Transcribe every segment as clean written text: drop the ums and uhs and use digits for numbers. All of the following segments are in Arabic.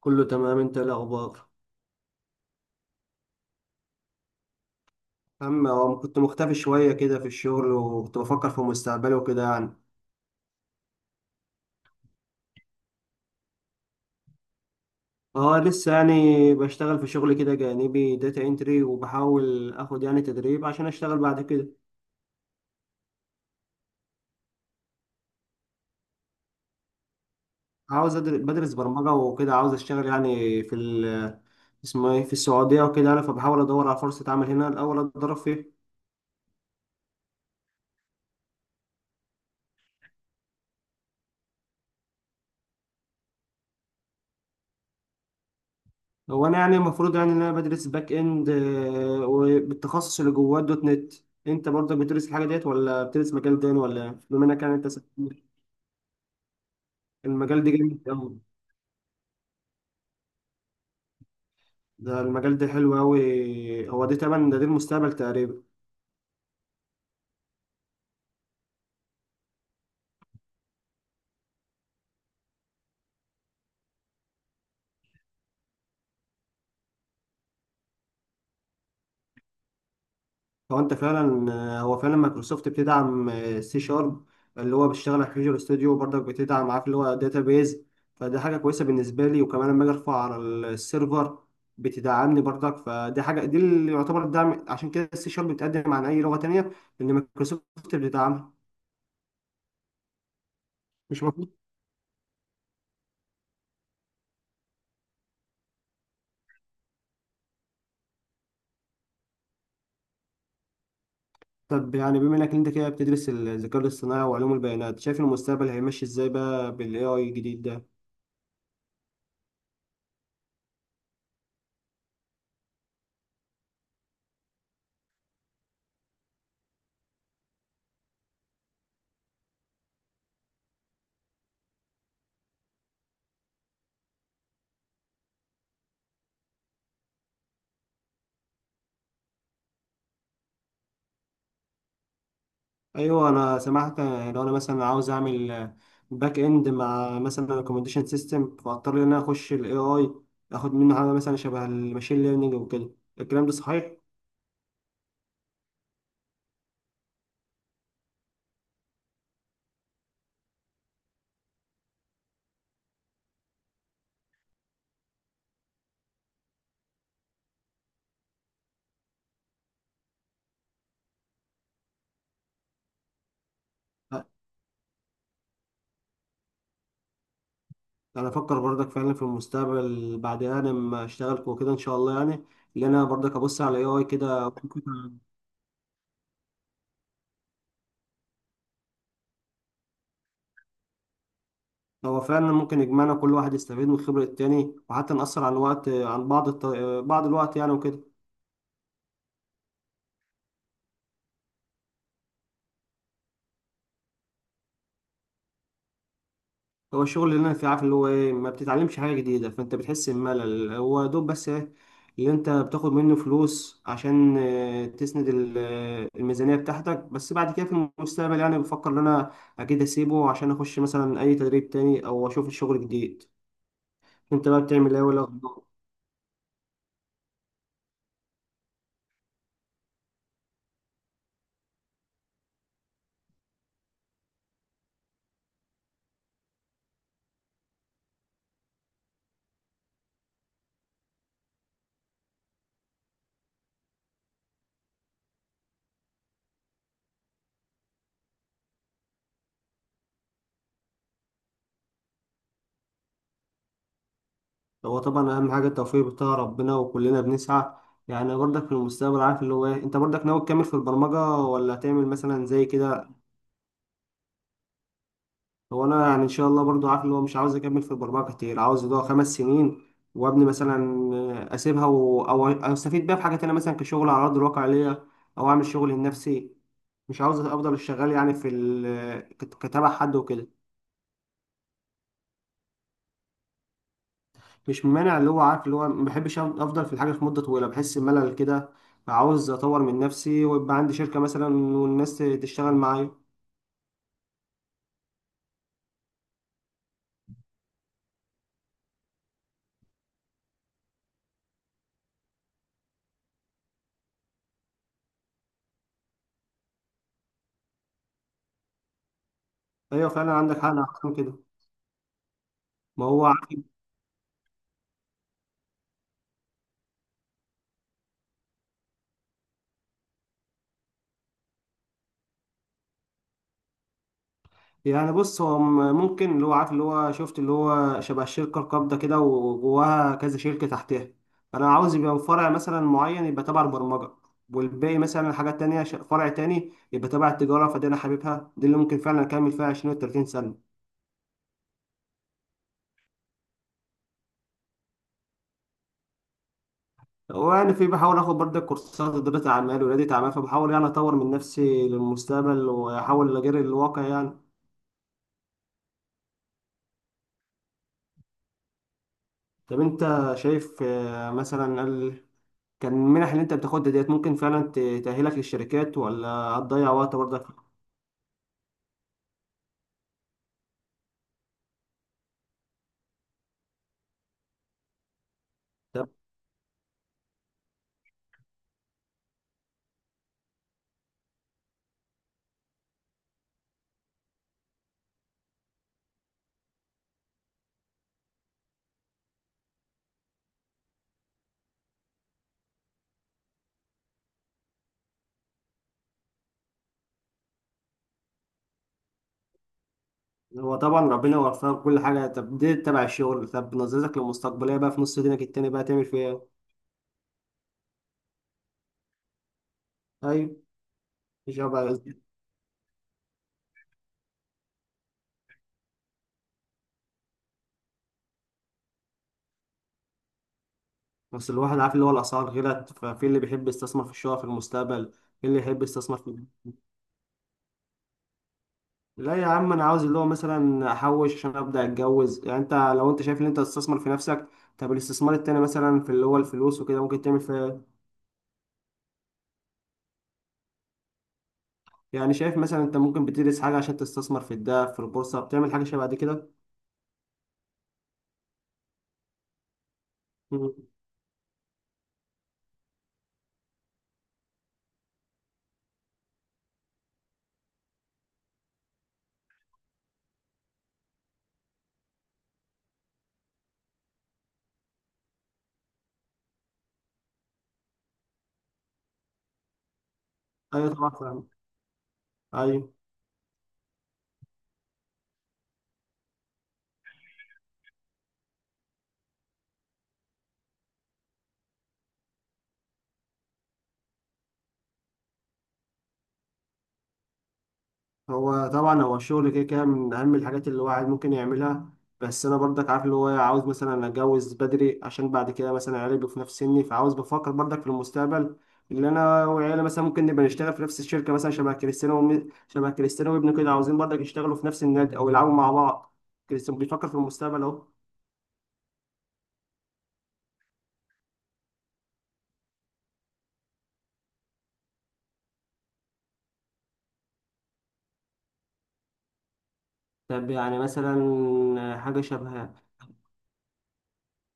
كله تمام، انت ايه الاخبار؟ هو كنت مختفي شويه كده في الشغل، وكنت بفكر في مستقبلي وكده يعني. اه، لسه يعني بشتغل في شغل كده جانبي داتا انتري، وبحاول اخد يعني تدريب عشان اشتغل بعد كده. عاوز بدرس برمجه وكده، عاوز اشتغل يعني في ال اسمه ايه في السعوديه وكده يعني، فبحاول ادور على فرصه عمل هنا الاول اتدرب فيها. هو انا يعني المفروض يعني ان انا بدرس باك اند، وبالتخصص اللي جواه دوت نت. انت برضك بتدرس الحاجه ديت ولا بتدرس مجال تاني ولا إيه؟ بما انك يعني انت المجال ده جامد قوي. ده المجال ده حلو قوي، هو ده تمام، ده المستقبل تقريبا. هو انت فعلا. هو فعلا مايكروسوفت بتدعم، سي شارب اللي هو بيشتغل على فيجوال ستوديو، برضك بتدعم عارف اللي هو داتابيز. فدي حاجه كويسه بالنسبه لي، وكمان لما اجي ارفع على السيرفر بتدعمني برضك. فدي حاجه دي اللي يعتبر الدعم، عشان كده السي شارب بتقدم عن اي لغه تانية لان مايكروسوفت بتدعمها. مش مفروض. طب يعني بما انك انت كده بتدرس الذكاء الاصطناعي وعلوم البيانات، شايف المستقبل هيمشي ازاي بقى بالاي اي الجديد ده؟ ايوه، انا سمعت لو انا مثلا عاوز اعمل باك اند مع مثلا ريكومنديشن سيستم فاضطر ان انا اخش الاي اي، اخد منه حاجه مثلا شبه الماشين ليرنينج وكده. الكلام ده صحيح؟ أ- انا افكر برضك فعلا في المستقبل بعد انا ما اشتغل وكده ان شاء الله يعني، اللي انا برضك ابص على الاي اي كده هو فعلا ممكن يجمعنا، كل واحد يستفيد من خبره التاني، وحتى نأثر عن وقت عن بعض بعض الوقت يعني وكده. هو الشغل اللي انا فيه، عارف اللي هو ايه؟ ما بتتعلمش حاجه جديده فانت بتحس بملل، هو دوب بس ايه اللي انت بتاخد منه فلوس عشان تسند الميزانيه بتاعتك. بس بعد كده في المستقبل يعني بفكر ان انا اكيد اسيبه عشان اخش مثلا اي تدريب تاني او اشوف شغل جديد. انت بقى بتعمل ايه ولا اخبار؟ هو طبعا اهم حاجه التوفيق بتاع ربنا، وكلنا بنسعى. يعني برضك في المستقبل، عارف اللي هو ايه، انت برضك ناوي تكمل في البرمجه ولا تعمل مثلا زي كده؟ هو انا يعني ان شاء الله برضو عارف ان هو مش عاوز اكمل في البرمجه كتير، عاوز يضيع 5 سنين وابني، مثلا اسيبها أو استفيد بيها في حاجه تانية مثلا كشغل على ارض الواقع ليا، او اعمل شغل لنفسي. مش عاوز افضل شغال يعني في كتابع حد وكده. مش مانع، اللي هو عارف اللي هو ما بحبش افضل في الحاجه في مده طويله، بحس بملل كده. عاوز اطور من نفسي ويبقى عندي شركه مثلا والناس تشتغل معايا. ايوه، فعلا عندك حق، انا أحسن كده. ما هو. يعني بص، هو ممكن اللي هو عارف اللي هو شفت اللي هو شبه الشركة القابضة كده وجواها كذا شركة تحتها. أنا عاوز يبقى فرع مثلا معين يبقى تبع البرمجة، والباقي مثلا حاجات تانية، فرع تاني يبقى تبع التجارة. فدي أنا حاببها، دي اللي ممكن فعلا أكمل فيها 20 و 30 سنة. وأنا في بحاول آخد برضه كورسات إدارة أعمال وريادة أعمال، فبحاول يعني أطور من نفسي للمستقبل وأحاول أجري الواقع يعني. طب أنت شايف، مثلا كان المنح اللي انت بتاخدها ديت، ممكن فعلا تأهلك للشركات ولا هتضيع وقت برضك في الكتاب؟ هو طبعا ربنا يوفقك كل حاجة. طب دي تبع الشغل، طب نظرتك للمستقبلية بقى في نص دينك التاني بقى تعمل فيها ايه؟ أيوة. مش هبقى. بس الواحد عارف اللي هو الأسعار غلت، ففي اللي بيحب يستثمر في الشقق في المستقبل، في اللي يحب يستثمر في. لا يا عم، أنا عاوز اللي هو مثلا أحوش عشان أبدأ أتجوز، يعني أنت لو أنت شايف إن أنت تستثمر في نفسك، طب الاستثمار التاني مثلا في اللي هو الفلوس وكده ممكن تعمل فيها؟ يعني شايف مثلا انت ممكن بتدرس حاجه عشان تستثمر في الذهب، في البورصه، بتعمل حاجه شبه دي كده؟ مم. ايوه، طبعا فاهم. ايوه. هو طبعا هو الشغل كده كده من اهم الحاجات اللي الواحد ممكن يعملها. بس انا برضك عارف اللي هو، عاوز مثلا اتجوز بدري، عشان بعد كده مثلا عيالي يبقوا في نفس سني، فعاوز بفكر برضك في المستقبل اللي انا وعيالي مثلا ممكن نبقى نشتغل في نفس الشركه، مثلا شبه كريستيانو وابنه كده عاوزين برضك يشتغلوا في نفس النادي او يلعبوا مع بعض. كريستيانو بيفكر في المستقبل اهو. طب يعني مثلا حاجة شبه.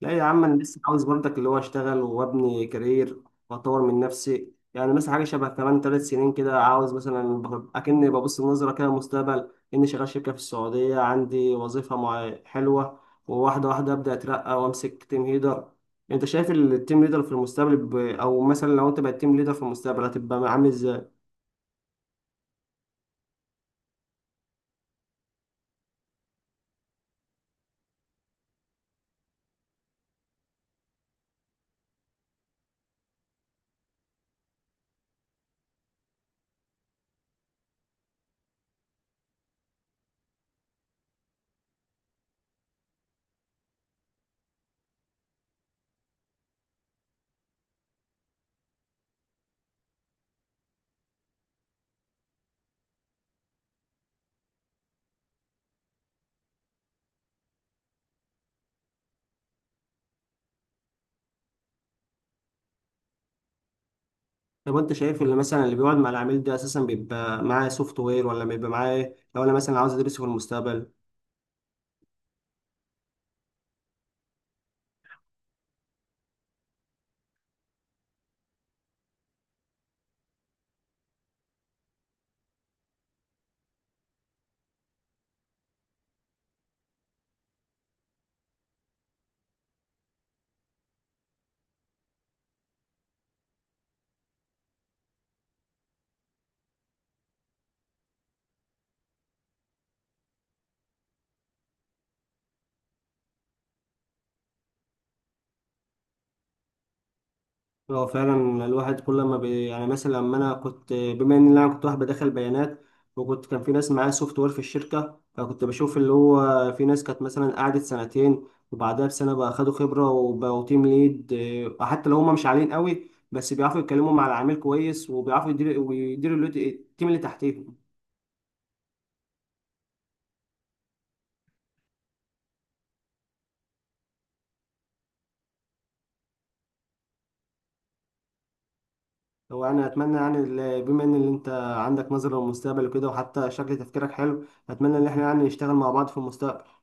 لا يا عم، انا لسه عاوز برضك اللي هو اشتغل وابني كارير، واطور من نفسي، يعني مثلا حاجه شبه كمان 3 سنين كده، عاوز مثلا اكني ببص النظره كده المستقبل، اني شغال شركه في السعوديه عندي وظيفه مع حلوه، وواحده واحده ابدا اترقى وامسك تيم ليدر. انت شايف التيم ليدر في المستقبل او مثلا لو انت بقيت تيم ليدر في المستقبل هتبقى عامل ازاي؟ طب انت شايف اللي مثلا اللي بيقعد مع العميل ده اساسا بيبقى معاه سوفت وير ولا بيبقى معاه إيه؟ لو انا مثلا عاوز ادرسه في المستقبل. هو فعلا الواحد كل ما يعني مثلا لما انا كنت، بما ان انا كنت واحد بدخل بيانات وكنت كان في ناس معايا سوفت وير في الشركه، فكنت بشوف اللي هو في ناس كانت مثلا قعدت سنتين وبعدها بسنه بقى خدوا خبره وبقوا تيم ليد، حتى لو هم مش عاليين قوي بس بيعرفوا يتكلموا مع العميل كويس، وبيعرفوا يديروا التيم اللي تحتيهم. هو انا اتمنى، يعني بما ان اللي انت عندك نظره للمستقبل وكده، وحتى شكل تفكيرك حلو، اتمنى ان احنا يعني نشتغل مع بعض في المستقبل.